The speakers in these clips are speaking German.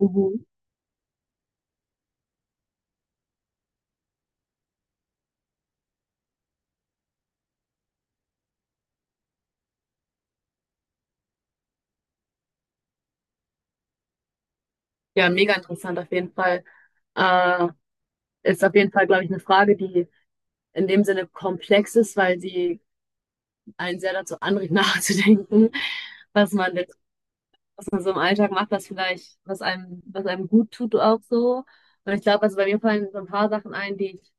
Mhm. Ja, mega interessant auf jeden Fall. Äh, ist auf jeden Fall, glaube ich, eine Frage, die in dem Sinne komplex ist, weil sie einen sehr dazu anregt, nachzudenken, was man denn, was man so im Alltag macht, was einem gut tut auch so. Und ich glaube, also bei mir fallen so ein paar Sachen ein, die ich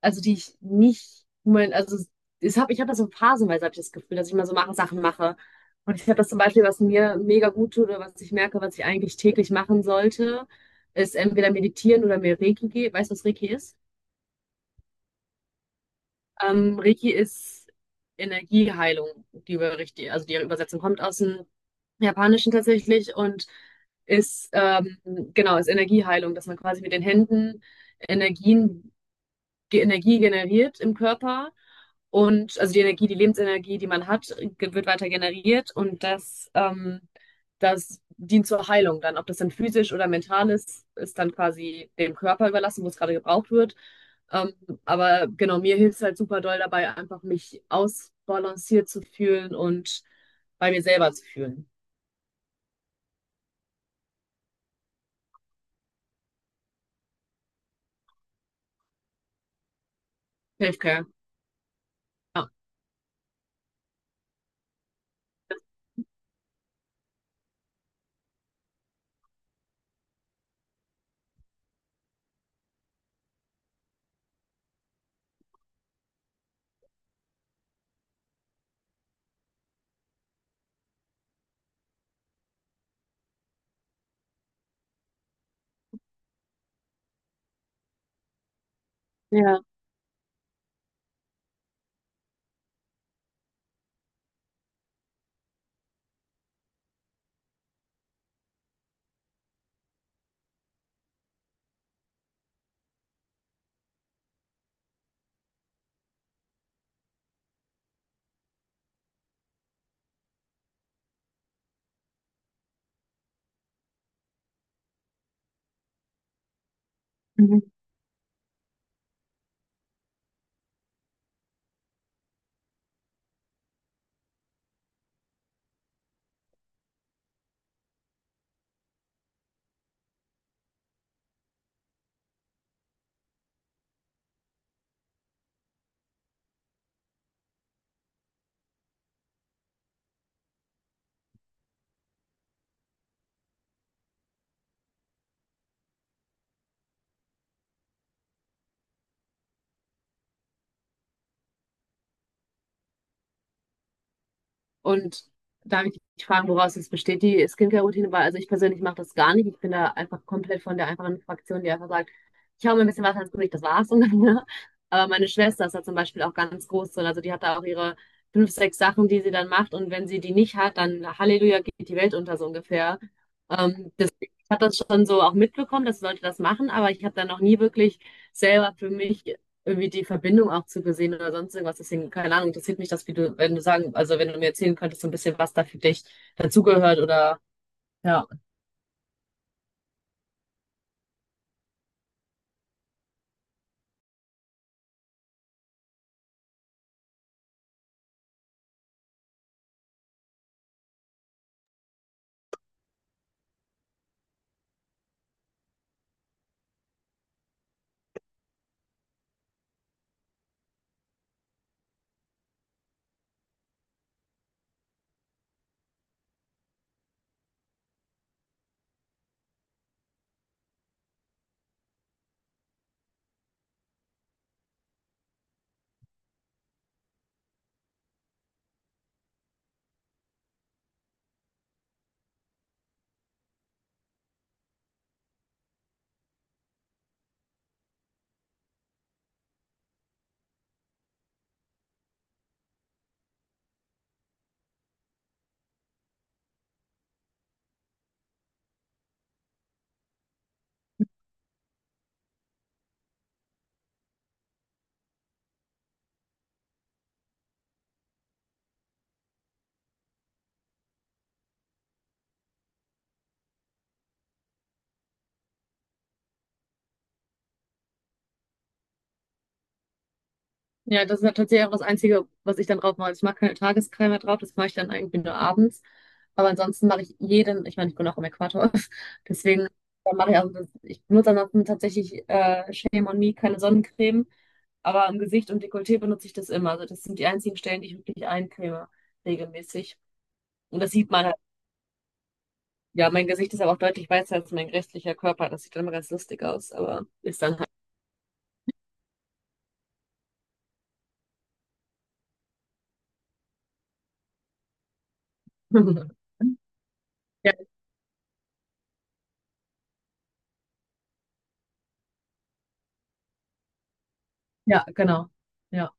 also die ich nicht, mein, also ich hab das so phasenweise, habe ich das Gefühl, dass ich mal so mache, Sachen mache. Und ich habe das zum Beispiel, was mir mega gut tut oder was ich merke, was ich eigentlich täglich machen sollte, ist entweder meditieren oder mir Reiki gehen. Weißt du, was Reiki ist? Reiki ist Energieheilung, die über richtig, also die Übersetzung kommt aus dem Japanischen tatsächlich und ist genau, ist Energieheilung, dass man quasi mit den Händen Energien, die Energie generiert im Körper, und also die Energie, die Lebensenergie, die man hat, wird weiter generiert, und das dient zur Heilung dann. Ob das dann physisch oder mental ist, ist dann quasi dem Körper überlassen, wo es gerade gebraucht wird. Ähm, aber genau, mir hilft es halt super doll dabei, einfach mich ausbalanciert zu fühlen und bei mir selber zu fühlen. Selfcare. Ja. Ja. Mhm. Und darf ich dich fragen, woraus es besteht, die Skincare-Routine? Weil, also ich persönlich mache das gar nicht. Ich bin da einfach komplett von der einfachen Fraktion, die einfach sagt, ich hau mir ein bisschen Wasser ins Gesicht, das war's. Und dann, ne? Aber meine Schwester ist da zum Beispiel auch ganz groß drin. Also die hat da auch ihre fünf, sechs Sachen, die sie dann macht. Und wenn sie die nicht hat, dann Halleluja, geht die Welt unter so ungefähr. Ich habe das schon so auch mitbekommen, dass Leute das machen, aber ich habe da noch nie wirklich selber für mich irgendwie die Verbindung auch zu gesehen oder sonst irgendwas. Deswegen, keine Ahnung, interessiert mich das, wie du, wenn du sagen, also wenn du mir erzählen könntest, so ein bisschen, was da für dich dazugehört oder ja. Ja, das ist ja tatsächlich auch das Einzige, was ich dann drauf mache. Also ich mache keine Tagescreme mehr drauf, das mache ich dann irgendwie nur abends. Aber ansonsten mache ich jeden, ich meine, ich bin auch im Äquator, deswegen dann mache ich also das, ich benutze ansonsten tatsächlich Shame on Me, keine Sonnencreme. Aber im Gesicht und Dekolleté benutze ich das immer. Also das sind die einzigen Stellen, die ich wirklich eincreme, regelmäßig. Und das sieht man. Ja, mein Gesicht ist aber auch deutlich weißer als mein restlicher Körper. Das sieht dann immer ganz lustig aus, aber ist dann halt. Ja, ja, genau. Ja.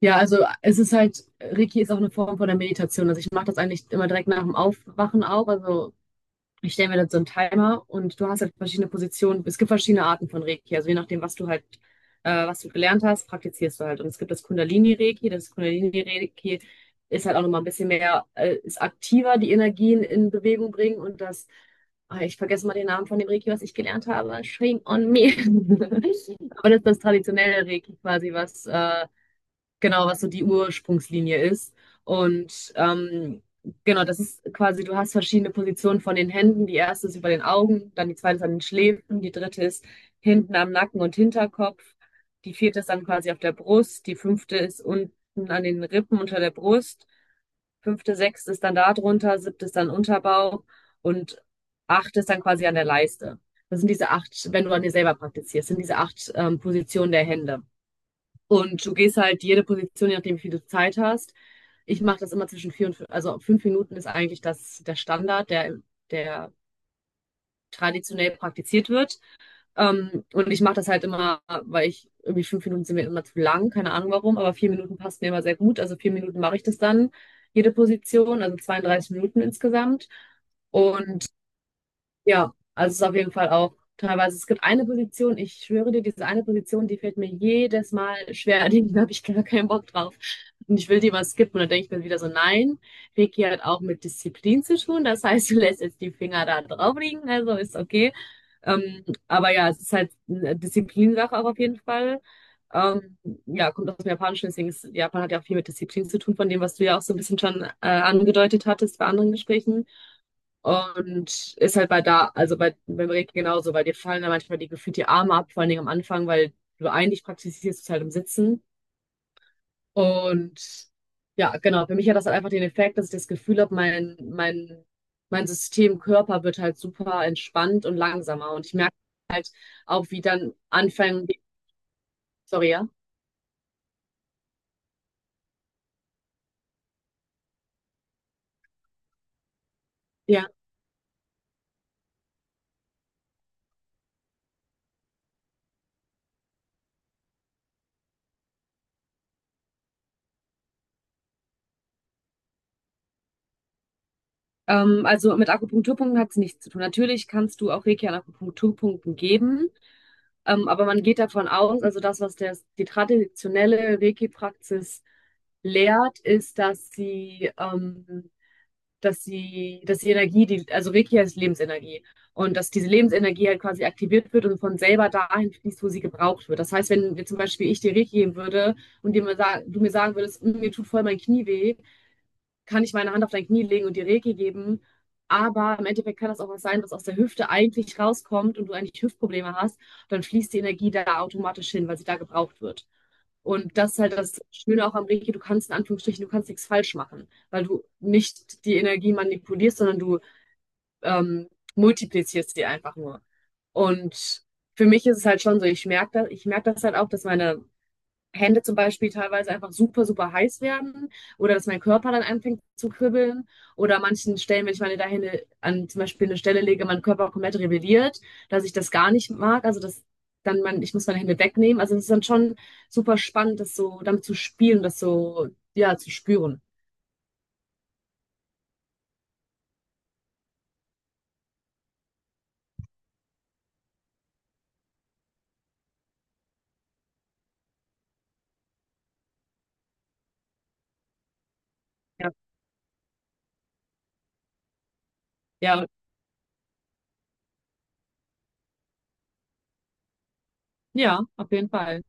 Ja, also es ist halt, Reiki ist auch eine Form von der Meditation. Also ich mache das eigentlich immer direkt nach dem Aufwachen auch. Also ich stelle mir dann so einen Timer, und du hast halt verschiedene Positionen. Es gibt verschiedene Arten von Reiki. Also je nachdem, was du gelernt hast, praktizierst du halt. Und es gibt das Kundalini-Reiki. Das Kundalini-Reiki ist halt auch nochmal ein bisschen ist aktiver, die Energien in Bewegung bringen. Ich vergesse mal den Namen von dem Reiki, was ich gelernt habe. Shame on me. Aber das ist das traditionelle Reiki quasi, was genau, was so die Ursprungslinie ist. Und ähm, genau, das ist quasi, du hast verschiedene Positionen von den Händen. Die erste ist über den Augen, dann die zweite ist an den Schläfen, die dritte ist hinten am Nacken und Hinterkopf, die vierte ist dann quasi auf der Brust, die fünfte ist unten an den Rippen unter der Brust, sechste ist dann da drunter, siebte ist dann Unterbauch und achte ist dann quasi an der Leiste. Das sind diese acht, wenn du an dir selber praktizierst, sind diese acht Positionen der Hände. Und du gehst halt jede Position, je nachdem, wie viel du Zeit hast. Ich mache das immer zwischen vier und fünf, also 5 Minuten ist eigentlich das, der traditionell praktiziert wird. Und ich mache das halt immer, weil ich irgendwie 5 Minuten sind mir immer zu lang, keine Ahnung warum, aber 4 Minuten passt mir immer sehr gut. Also 4 Minuten mache ich das dann, jede Position, also 32 Minuten insgesamt. Und ja, also es ist auf jeden Fall auch teilweise. Es gibt eine Position, ich schwöre dir, diese eine Position, die fällt mir jedes Mal schwer. Da habe ich gar keinen Bock drauf. Und ich will die mal skippen. Und dann denke ich mir wieder so, nein, Reiki hat auch mit Disziplin zu tun. Das heißt, du lässt jetzt die Finger da drauf liegen, also ist okay. Aber ja, es ist halt eine Disziplinsache auch auf jeden Fall. Ähm, ja, kommt aus dem Japanischen, deswegen ist, Japan hat ja auch viel mit Disziplin zu tun, von dem, was du ja auch so ein bisschen schon angedeutet hattest bei anderen Gesprächen. Und ist halt bei da, also bei, beim Reiki genauso, weil dir fallen da manchmal die gefühlt die Arme ab, vor allen Dingen am Anfang, weil du eigentlich praktizierst es halt im Sitzen. Und ja, genau, für mich hat das halt einfach den Effekt, dass ich das Gefühl habe, mein System, Körper wird halt super entspannt und langsamer. Und ich merke halt auch, wie dann anfangen, sorry, ja? Also mit Akupunkturpunkten hat es nichts zu tun. Natürlich kannst du auch Reiki an Akupunkturpunkten geben, aber man geht davon aus, also das, was die traditionelle Reiki-Praxis lehrt, ist, dass die Energie, also Reiki heißt Lebensenergie, und dass diese Lebensenergie halt quasi aktiviert wird und von selber dahin fließt, wo sie gebraucht wird. Das heißt, wenn wir zum Beispiel, ich dir Reiki geben würde und dir mal sag, du mir sagen würdest, "Mm, mir tut voll mein Knie weh," kann ich meine Hand auf dein Knie legen und dir Reiki geben. Aber im Endeffekt kann das auch was sein, was aus der Hüfte eigentlich rauskommt und du eigentlich Hüftprobleme hast. Dann fließt die Energie da automatisch hin, weil sie da gebraucht wird. Und das ist halt das Schöne auch am Reiki, du kannst in Anführungsstrichen, du kannst nichts falsch machen, weil du nicht die Energie manipulierst, sondern du ähm, multiplizierst die einfach nur. Und für mich ist es halt schon so, ich merke das halt auch, dass meine Hände zum Beispiel teilweise einfach super, super heiß werden oder dass mein Körper dann anfängt zu kribbeln oder an manchen Stellen, wenn ich meine Hände an zum Beispiel eine Stelle lege, mein Körper komplett rebelliert, dass ich das gar nicht mag, also dass dann man, ich muss meine Hände wegnehmen. Also es ist dann schon super spannend, das so damit zu spielen, ja, zu spüren. Ja, ja, ja, auf jeden Fall.